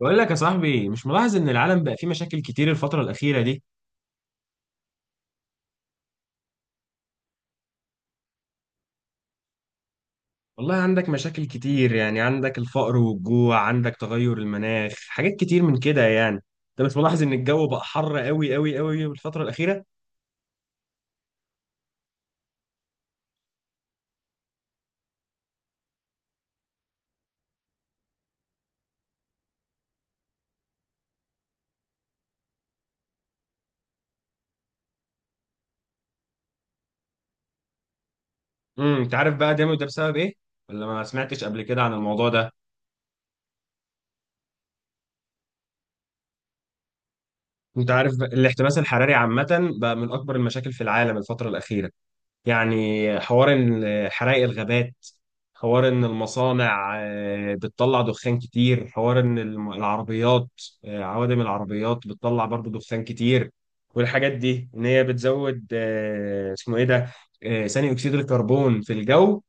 بقول لك يا صاحبي، مش ملاحظ ان العالم بقى فيه مشاكل كتير الفترة الأخيرة دي؟ والله عندك مشاكل كتير، يعني عندك الفقر والجوع، عندك تغير المناخ، حاجات كتير من كده يعني. انت مش ملاحظ ان الجو بقى حر قوي قوي قوي الفترة الأخيرة؟ انت عارف بقى ده بسبب ايه؟ ولا ما سمعتش قبل كده عن الموضوع ده؟ انت عارف بقى الاحتباس الحراري عامة بقى من اكبر المشاكل في العالم الفترة الأخيرة. يعني حوار إن حرائق الغابات، حوار ان المصانع بتطلع دخان كتير، حوار ان العربيات، عوادم العربيات بتطلع برضو دخان كتير. والحاجات دي ان هي بتزود اسمه ايه ده، ثاني اكسيد الكربون في الجو.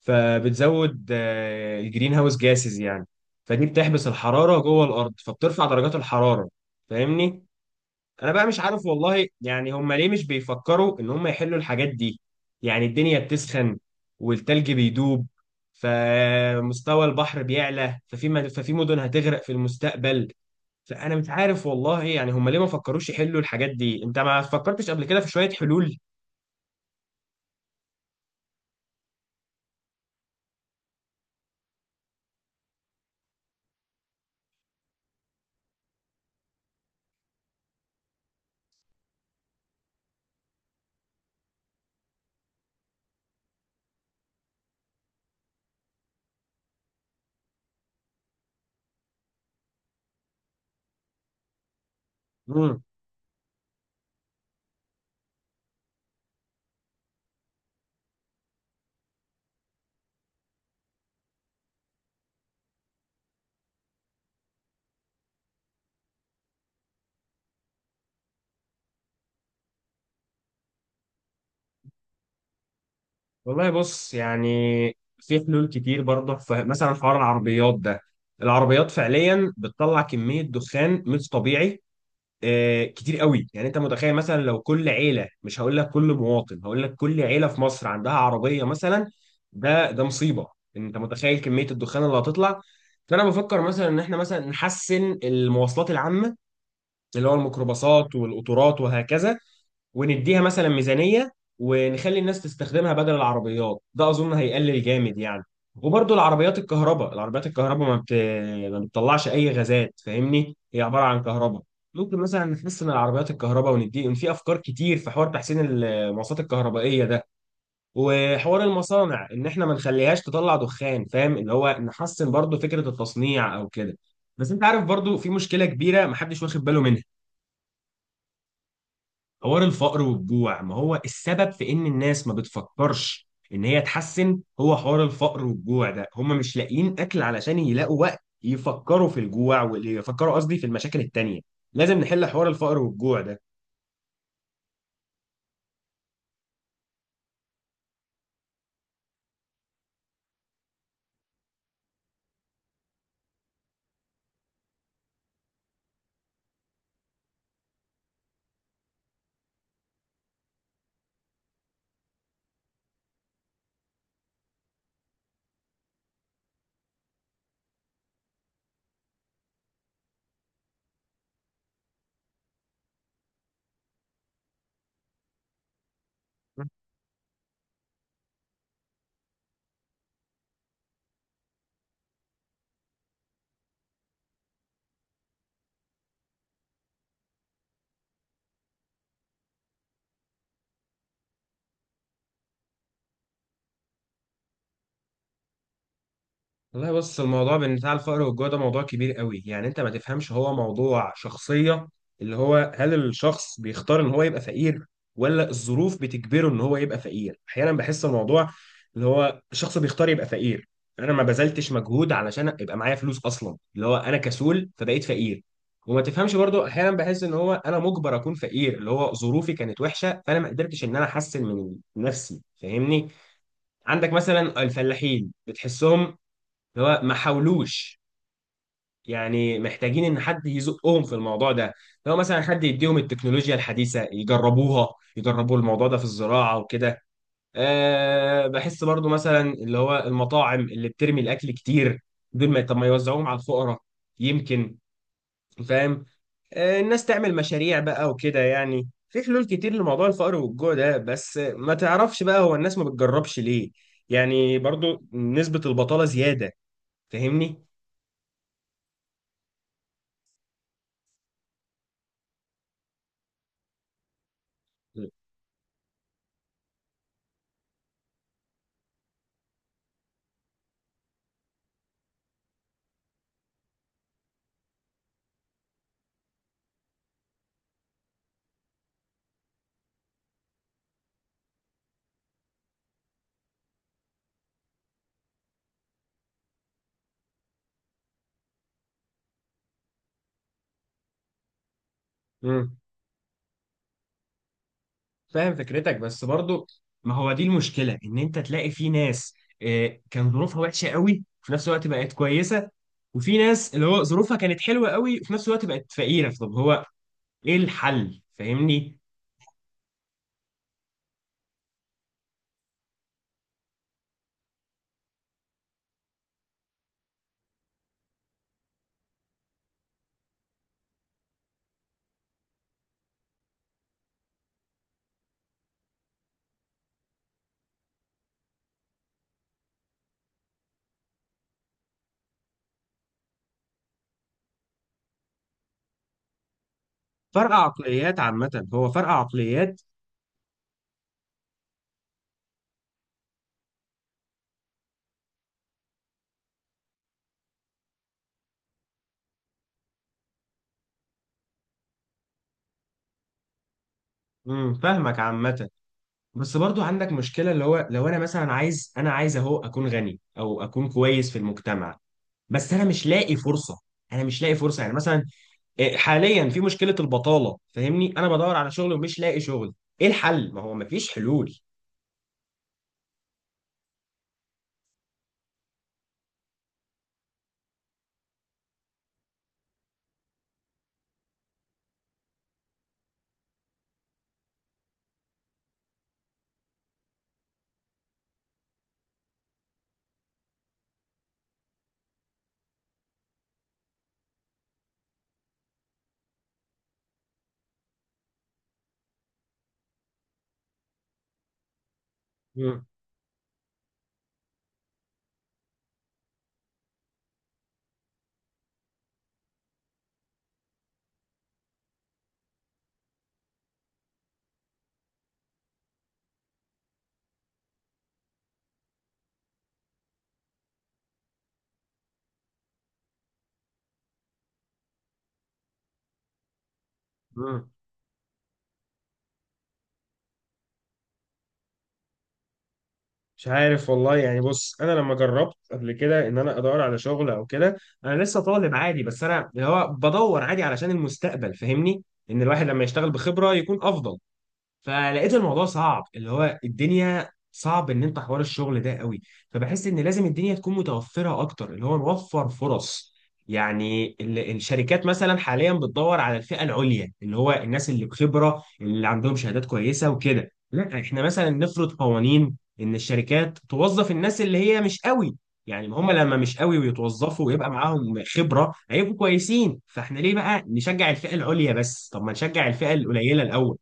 فبتزود الجرين هاوس جاسز يعني، فدي بتحبس الحرارة جوه الارض، فبترفع درجات الحرارة. فاهمني؟ انا بقى مش عارف والله، يعني هم ليه مش بيفكروا ان هم يحلوا الحاجات دي؟ يعني الدنيا بتسخن والتلج بيدوب، فمستوى البحر بيعلى، ففي مدن هتغرق في المستقبل. فانا مش عارف والله، يعني هم ليه ما فكروش يحلوا الحاجات دي؟ انت ما فكرتش قبل كده في شوية حلول؟ مم. والله بص، يعني في حلول كتير برضه. فمثلا حوار العربيات ده، العربيات فعليا بتطلع كمية دخان مش طبيعي، كتير قوي. يعني انت متخيل مثلا لو كل عيله، مش هقول لك كل مواطن، هقول لك كل عيله في مصر عندها عربيه مثلا؟ ده مصيبه. انت متخيل كميه الدخان اللي هتطلع؟ فانا بفكر مثلا ان احنا مثلا نحسن المواصلات العامه، اللي هو الميكروباصات والقطارات وهكذا، ونديها مثلا ميزانية، ونخلي الناس تستخدمها بدل العربيات. ده أظن هيقلل جامد يعني. وبرضه العربيات الكهرباء، العربيات الكهرباء ما بتطلعش أي غازات. فاهمني؟ هي عبارة عن كهرباء. ممكن مثلا نحسن العربيات الكهرباء وندي، إن في أفكار كتير في حوار تحسين المواصلات الكهربائية ده. وحوار المصانع إن إحنا ما نخليهاش تطلع دخان، فاهم؟ اللي هو نحسن برضه فكرة التصنيع أو كده. بس أنت عارف برضه في مشكلة كبيرة محدش واخد باله منها. حوار الفقر والجوع، ما هو السبب في ان الناس ما بتفكرش ان هي تحسن هو حوار الفقر والجوع ده. هم مش لاقيين اكل علشان يلاقوا وقت يفكروا في الجوع، ويفكروا قصدي في المشاكل التانية. لازم نحل حوار الفقر والجوع ده. والله بص، الموضوع بين بتاع الفقر والجوع ده موضوع كبير قوي. يعني انت ما تفهمش، هو موضوع شخصية، اللي هو هل الشخص بيختار ان هو يبقى فقير ولا الظروف بتجبره ان هو يبقى فقير. احيانا بحس الموضوع اللي هو الشخص بيختار يبقى فقير، انا ما بذلتش مجهود علشان يبقى معايا فلوس اصلا، اللي هو انا كسول فبقيت فقير. وما تفهمش برضو احيانا بحس ان هو انا مجبر اكون فقير، اللي هو ظروفي كانت وحشة فانا ما قدرتش ان انا احسن من نفسي. فاهمني؟ عندك مثلا الفلاحين بتحسهم اللي هو ما حاولوش، يعني محتاجين ان حد يزقهم في الموضوع ده. لو مثلا حد يديهم التكنولوجيا الحديثه يجربوها، يجربوا الموضوع ده في الزراعه وكده. أه، بحس برضو مثلا اللي هو المطاعم اللي بترمي الاكل كتير، دول ما طب ما يوزعوهم على الفقراء يمكن، فاهم؟ أه، الناس تعمل مشاريع بقى وكده. يعني في حلول كتير لموضوع الفقر والجوع ده، بس ما تعرفش بقى هو الناس ما بتجربش ليه. يعني برضو نسبة البطالة زيادة، فاهمني؟ مم. فاهم فكرتك بس برضو ما هو دي المشكلة ان انت تلاقي في ناس آه، كان ظروفها وحشة قوي وفي نفس الوقت بقت كويسة وفي ناس اللي هو ظروفها كانت حلوة قوي وفي نفس الوقت بقت فقيرة طب هو ايه الحل فاهمني فرق عقليات عامة هو فرق عقليات فاهمك عامة بس برضو عندك مشكلة اللي هو لو انا مثلا عايز انا عايز اهو اكون غني او اكون كويس في المجتمع بس انا مش لاقي فرصة انا مش لاقي فرصة يعني مثلا إيه، حاليا في مشكله البطاله فاهمني انا بدور على شغل ومش لاقي شغل ايه الحل ما هو مفيش حلول مم. مم. مش عارف والله، يعني بص، انا لما جربت قبل كده ان انا ادور على شغل او كده، انا لسه طالب عادي بس انا اللي هو بدور عادي علشان المستقبل، فاهمني؟ ان الواحد لما يشتغل بخبرة يكون افضل. فلقيت الموضوع صعب، اللي هو الدنيا صعب ان انت حوار الشغل ده قوي. فبحس ان لازم الدنيا تكون متوفره اكتر، اللي هو نوفر فرص. يعني الشركات مثلا حاليا بتدور على الفئه العليا، اللي هو الناس اللي بخبره اللي عندهم شهادات كويسه وكده. لا، احنا مثلا نفرض قوانين ان الشركات توظف الناس اللي هي مش قوي. يعني هم لما مش قوي ويتوظفوا ويبقى معاهم خبره، هيبقوا كويسين. فاحنا ليه بقى نشجع الفئه العليا بس؟ طب ما نشجع الفئه القليله الاول.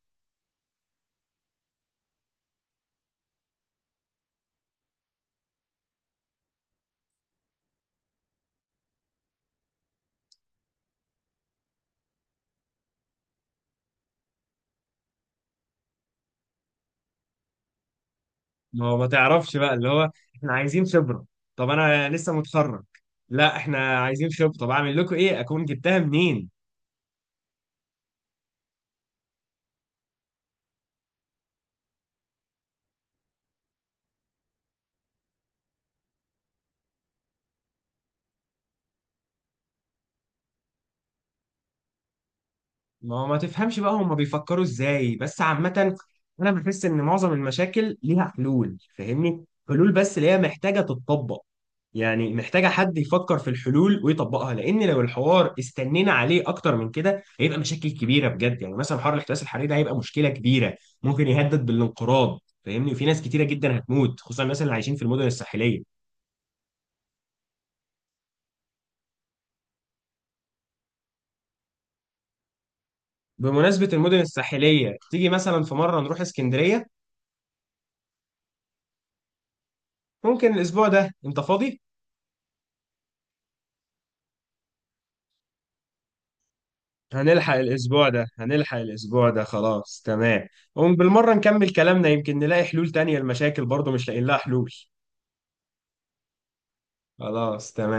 ما هو ما تعرفش بقى، اللي هو احنا عايزين خبرة، طب انا لسه متخرج، لا احنا عايزين خبرة، طب اعمل لكم ايه؟ اكون جبتها منين؟ ما هو ما تفهمش بقى هما بيفكروا ازاي. بس عامة انا بحس ان معظم المشاكل ليها حلول، فاهمني؟ حلول بس اللي هي محتاجة تتطبق. يعني محتاجة حد يفكر في الحلول ويطبقها، لان لو الحوار استنينا عليه اكتر من كده هيبقى مشاكل كبيرة بجد. يعني مثلا حوار الاحتباس الحراري ده هيبقى مشكلة كبيرة، ممكن يهدد بالانقراض، فاهمني؟ وفي ناس كتيرة جدا هتموت، خصوصا الناس اللي عايشين في المدن الساحلية. بمناسبة المدن الساحلية، تيجي مثلا في مرة نروح اسكندرية؟ ممكن الاسبوع ده، انت فاضي؟ هنلحق الأسبوع ده، هنلحق الأسبوع ده، خلاص تمام. وبالمرة نكمل كلامنا، يمكن نلاقي حلول تانية لمشاكل برضه مش لاقيين لها حلول. خلاص تمام.